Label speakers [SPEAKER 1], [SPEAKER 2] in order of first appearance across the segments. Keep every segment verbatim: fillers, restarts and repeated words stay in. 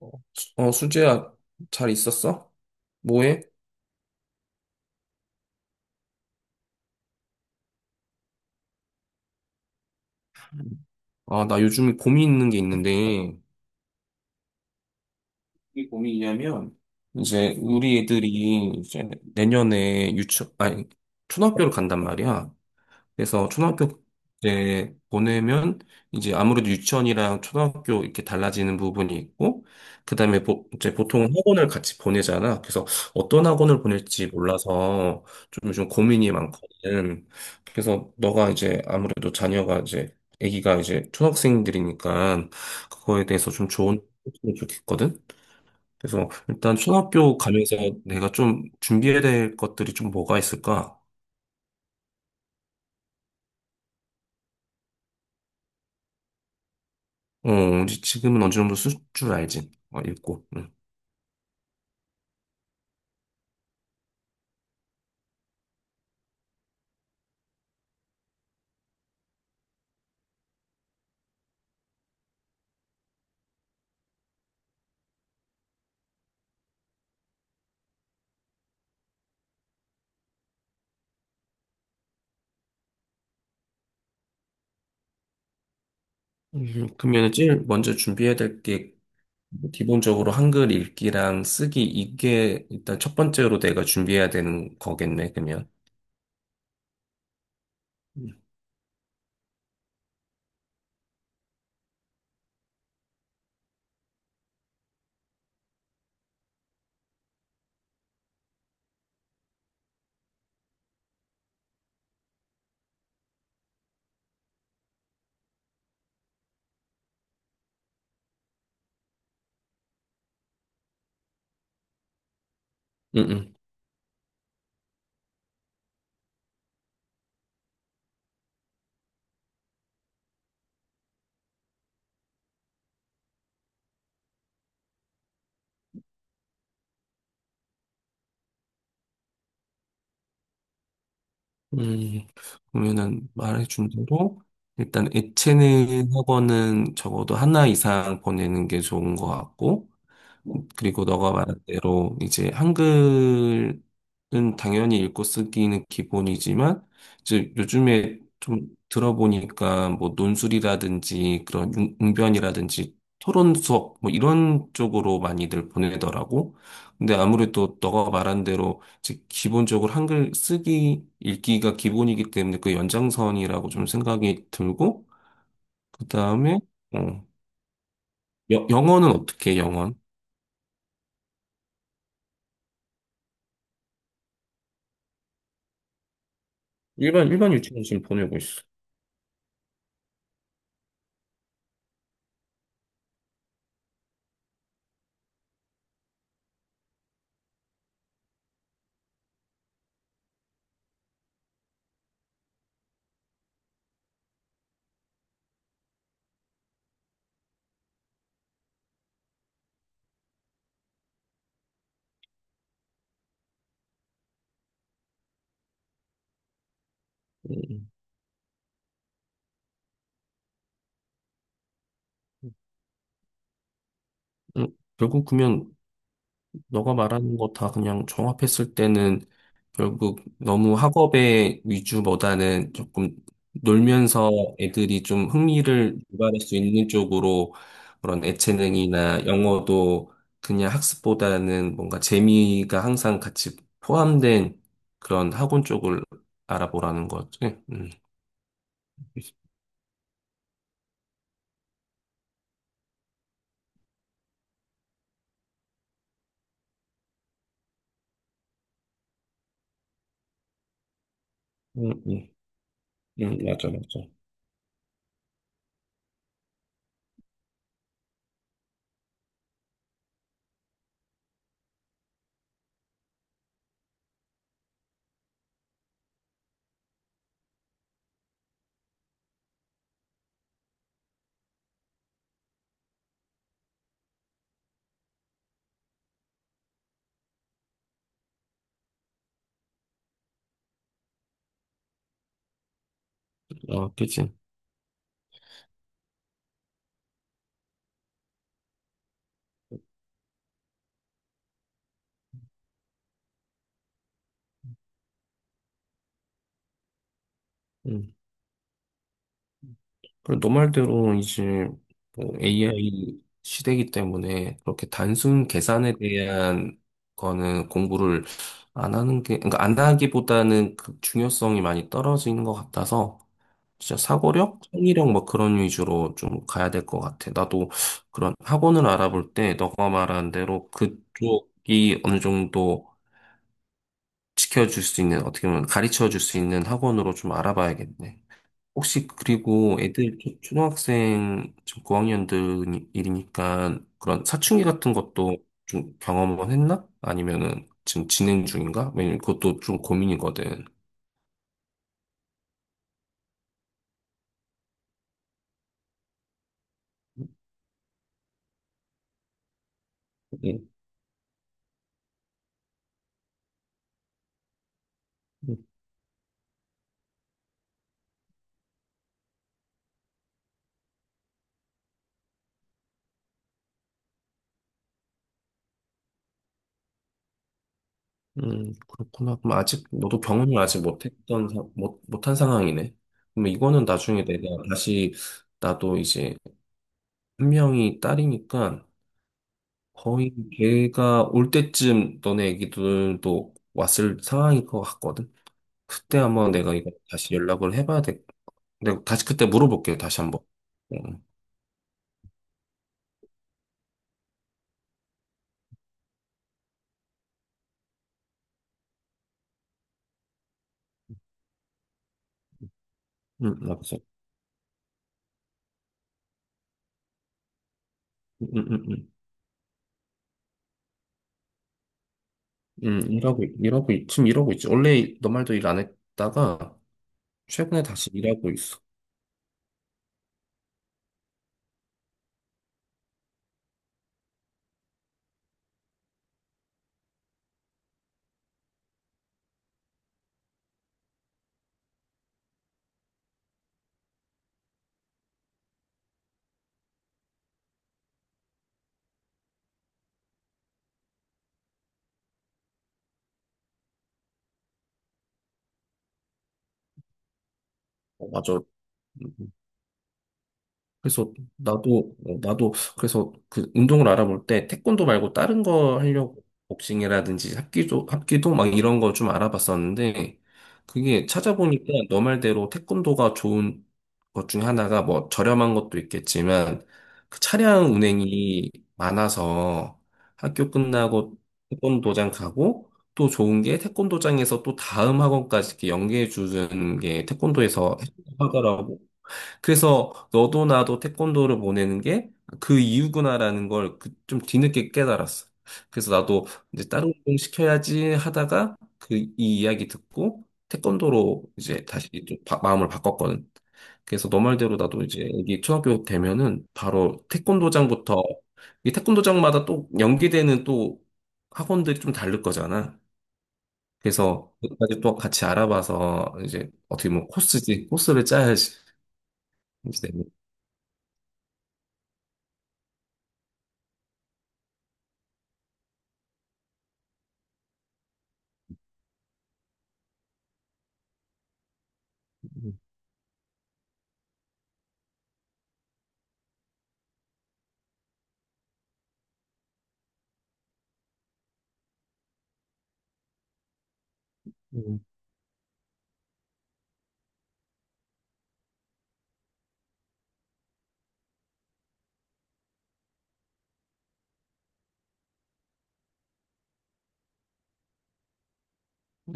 [SPEAKER 1] 어, 수- 어, 수재야, 잘 있었어? 뭐해? 아, 나 요즘에 고민 있는 게 있는데, 이게 고민이냐면, 이제 우리 애들이 이제 내년에 유치, 아니, 초등학교를 간단 말이야. 그래서 초등학교 때 보내면 이제 아무래도 유치원이랑 초등학교 이렇게 달라지는 부분이 있고, 그다음에 보, 이제 보통 학원을 같이 보내잖아. 그래서 어떤 학원을 보낼지 몰라서 좀 요즘 고민이 많거든. 그래서 너가 이제 아무래도 자녀가 이제 아기가 이제 초등학생들이니까 그거에 대해서 좀 좋은 팁을 좋겠거든. 그래서 일단 초등학교 가면서 내가 좀 준비해야 될 것들이 좀 뭐가 있을까? 어, 이제 지금은 어느 정도 쓸 줄 알지. 어, 읽고. 응. 음, 그러면 제일 먼저 준비해야 될 게 기본적으로 한글 읽기랑 쓰기 이게 일단 첫 번째로 내가 준비해야 되는 거겠네. 그러면. 음, 음, 음. 음, 그러면은 말해준 대로 일단 예체능 학원은 적어도 하나 이상 보내는 게 좋은 것 같고. 그리고 너가 말한 대로 이제 한글은 당연히 읽고 쓰기는 기본이지만 이제 요즘에 좀 들어보니까 뭐 논술이라든지 그런 융- 웅변이라든지 토론 수업 뭐 이런 쪽으로 많이들 보내더라고. 근데 아무래도 너가 말한 대로 이제 기본적으로 한글 쓰기 읽기가 기본이기 때문에 그 연장선이라고 좀 생각이 들고 그다음에 어, 여- 영어는 어떻게 해, 영어? 일반 일반 유치원 지금 보내고 있어. 음, 음, 결국 그러면 너가 말하는 거 다 그냥 종합했을 때는 결국 너무 학업의 위주보다는 조금 놀면서 애들이 좀 흥미를 유발할 수 있는 쪽으로 그런 애체능이나 영어도 그냥 학습보다는 뭔가 재미가 항상 같이 포함된 그런 학원 쪽을 알아보라는 거지. 음, 음, 음, 음, 맞아, 맞아. 어, 그치. 음. 그리고 너 말대로 이제 뭐 에이아이 시대이기 때문에 그렇게 단순 계산에 대한 거는 공부를 안 하는 게, 그러니까 안 하기보다는 그 중요성이 많이 떨어지는 것 같아서 진짜 사고력, 창의력 뭐 그런 위주로 좀 가야 될 것 같아. 나도 그런 학원을 알아볼 때 너가 말한 대로 그쪽이 어느 정도 지켜줄 수 있는, 어떻게 보면 가르쳐 줄 수 있는 학원으로 좀 알아봐야겠네. 혹시 그리고 애들 초- 초등학생 지금 고학년들이니까 그런 사춘기 같은 것도 좀 경험은 했나? 아니면은 지금 진행 중인가? 왜냐면 그것도 좀 고민이거든. 음, 음, 음, 그렇구나. 그럼 아직 너도 경험을 아직 못했던 사- 못 못한 상황이네. 그럼 이거는 나중에 내가 다시 나도 이제 한 명이 딸이니까 거의 걔가 올 때쯤 너네 애기들도 왔을 상황일 것 같거든. 그때 한번 내가 이거 다시 연락을 해봐야 돼. 내가 다시 그때 물어볼게요. 다시 한번. 응, 응, 알았어. 응, 응, 응, 응. 응, 일하고, 있- 일하고, 있- 지금 일하고 있지. 원래 너 말도 일 안 했다가 최근에 다시 일하고 있어. 어, 맞아. 그래서 나도 어, 나도 그래서 그 운동을 알아볼 때 태권도 말고 다른 거 하려고 복싱이라든지 합기도 합기도 막 이런 거 좀 알아봤었는데 그게 찾아보니까 너 말대로 태권도가 좋은 것 중에 하나가 뭐 저렴한 것도 있겠지만 그 차량 운행이 많아서 학교 끝나고 태권도장 가고 또 좋은 게 태권도장에서 또 다음 학원까지 이렇게 연계해 주는 게 태권도에서 하더라고. 그래서 너도 나도 태권도를 보내는 게 그 이유구나라는 걸 그 좀 뒤늦게 깨달았어. 그래서 나도 이제 다른 운동 시켜야지 하다가 그 이 이야기 듣고 태권도로 이제 다시 좀 바- 마음을 바꿨거든. 그래서 너 말대로 나도 이제 여기 초등학교 되면은 바로 태권도장부터 이 태권도장마다 또 연계되는 또 학원들이 좀 다를 거잖아. 그래서 그까지 또 같이 알아봐서 이제 어떻게 보면 코스지 코스를 짜야지. 이제 내면.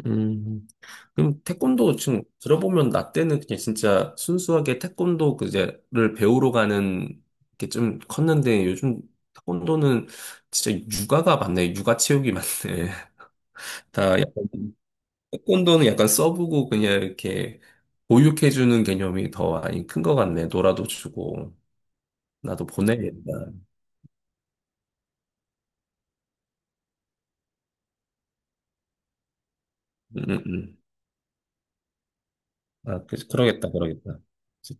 [SPEAKER 1] 음, 그럼 태권도 지금 들어보면 나 때는 그냥 진짜 순수하게 태권도 그제를 배우러 가는 게 좀 컸는데 요즘 태권도는 진짜 육아가 많네. 육아 체육이 많네. 다 약간, 태권도는 약간 써보고 그냥 이렇게 보육해주는 개념이 더 많이 큰 것 같네. 놀아도 주고, 나도 보내겠다 음, 음. 아, 그, 그러겠다, 그러겠다.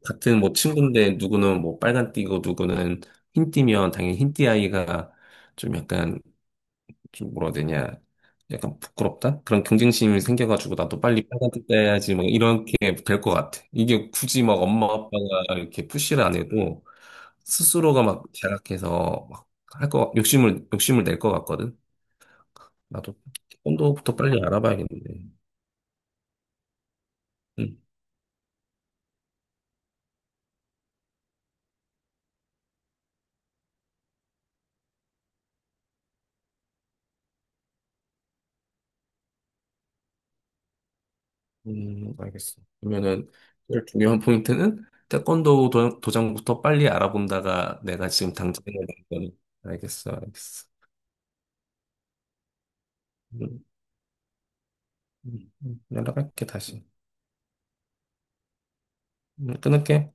[SPEAKER 1] 같은 뭐 친구인데 누구는 뭐 빨간 띠고 누구는 흰 띠면 당연히 흰띠 아이가 좀 약간 좀 뭐라 해야 되냐. 약간 부끄럽다? 그런 경쟁심이 생겨가지고 나도 빨리 빨간 띠 따야지 뭐 이렇게 될 것 같아. 이게 굳이 막 엄마 아빠가 이렇게 푸시를 안 해도 스스로가 막 자각해서 막 할 거, 욕심을, 욕심을 낼 것 같거든. 나도 언도부터 빨리 알아봐야겠는데. 응. 음, 알겠어. 그러면은 제일 중요한 포인트는 태권도 도, 도장부터 빨리 알아본다가 내가 지금 당장 해야 되는 거니. 알겠어, 알겠어. 음, 음, 음, 연락할게 다시. 음, 끊을게.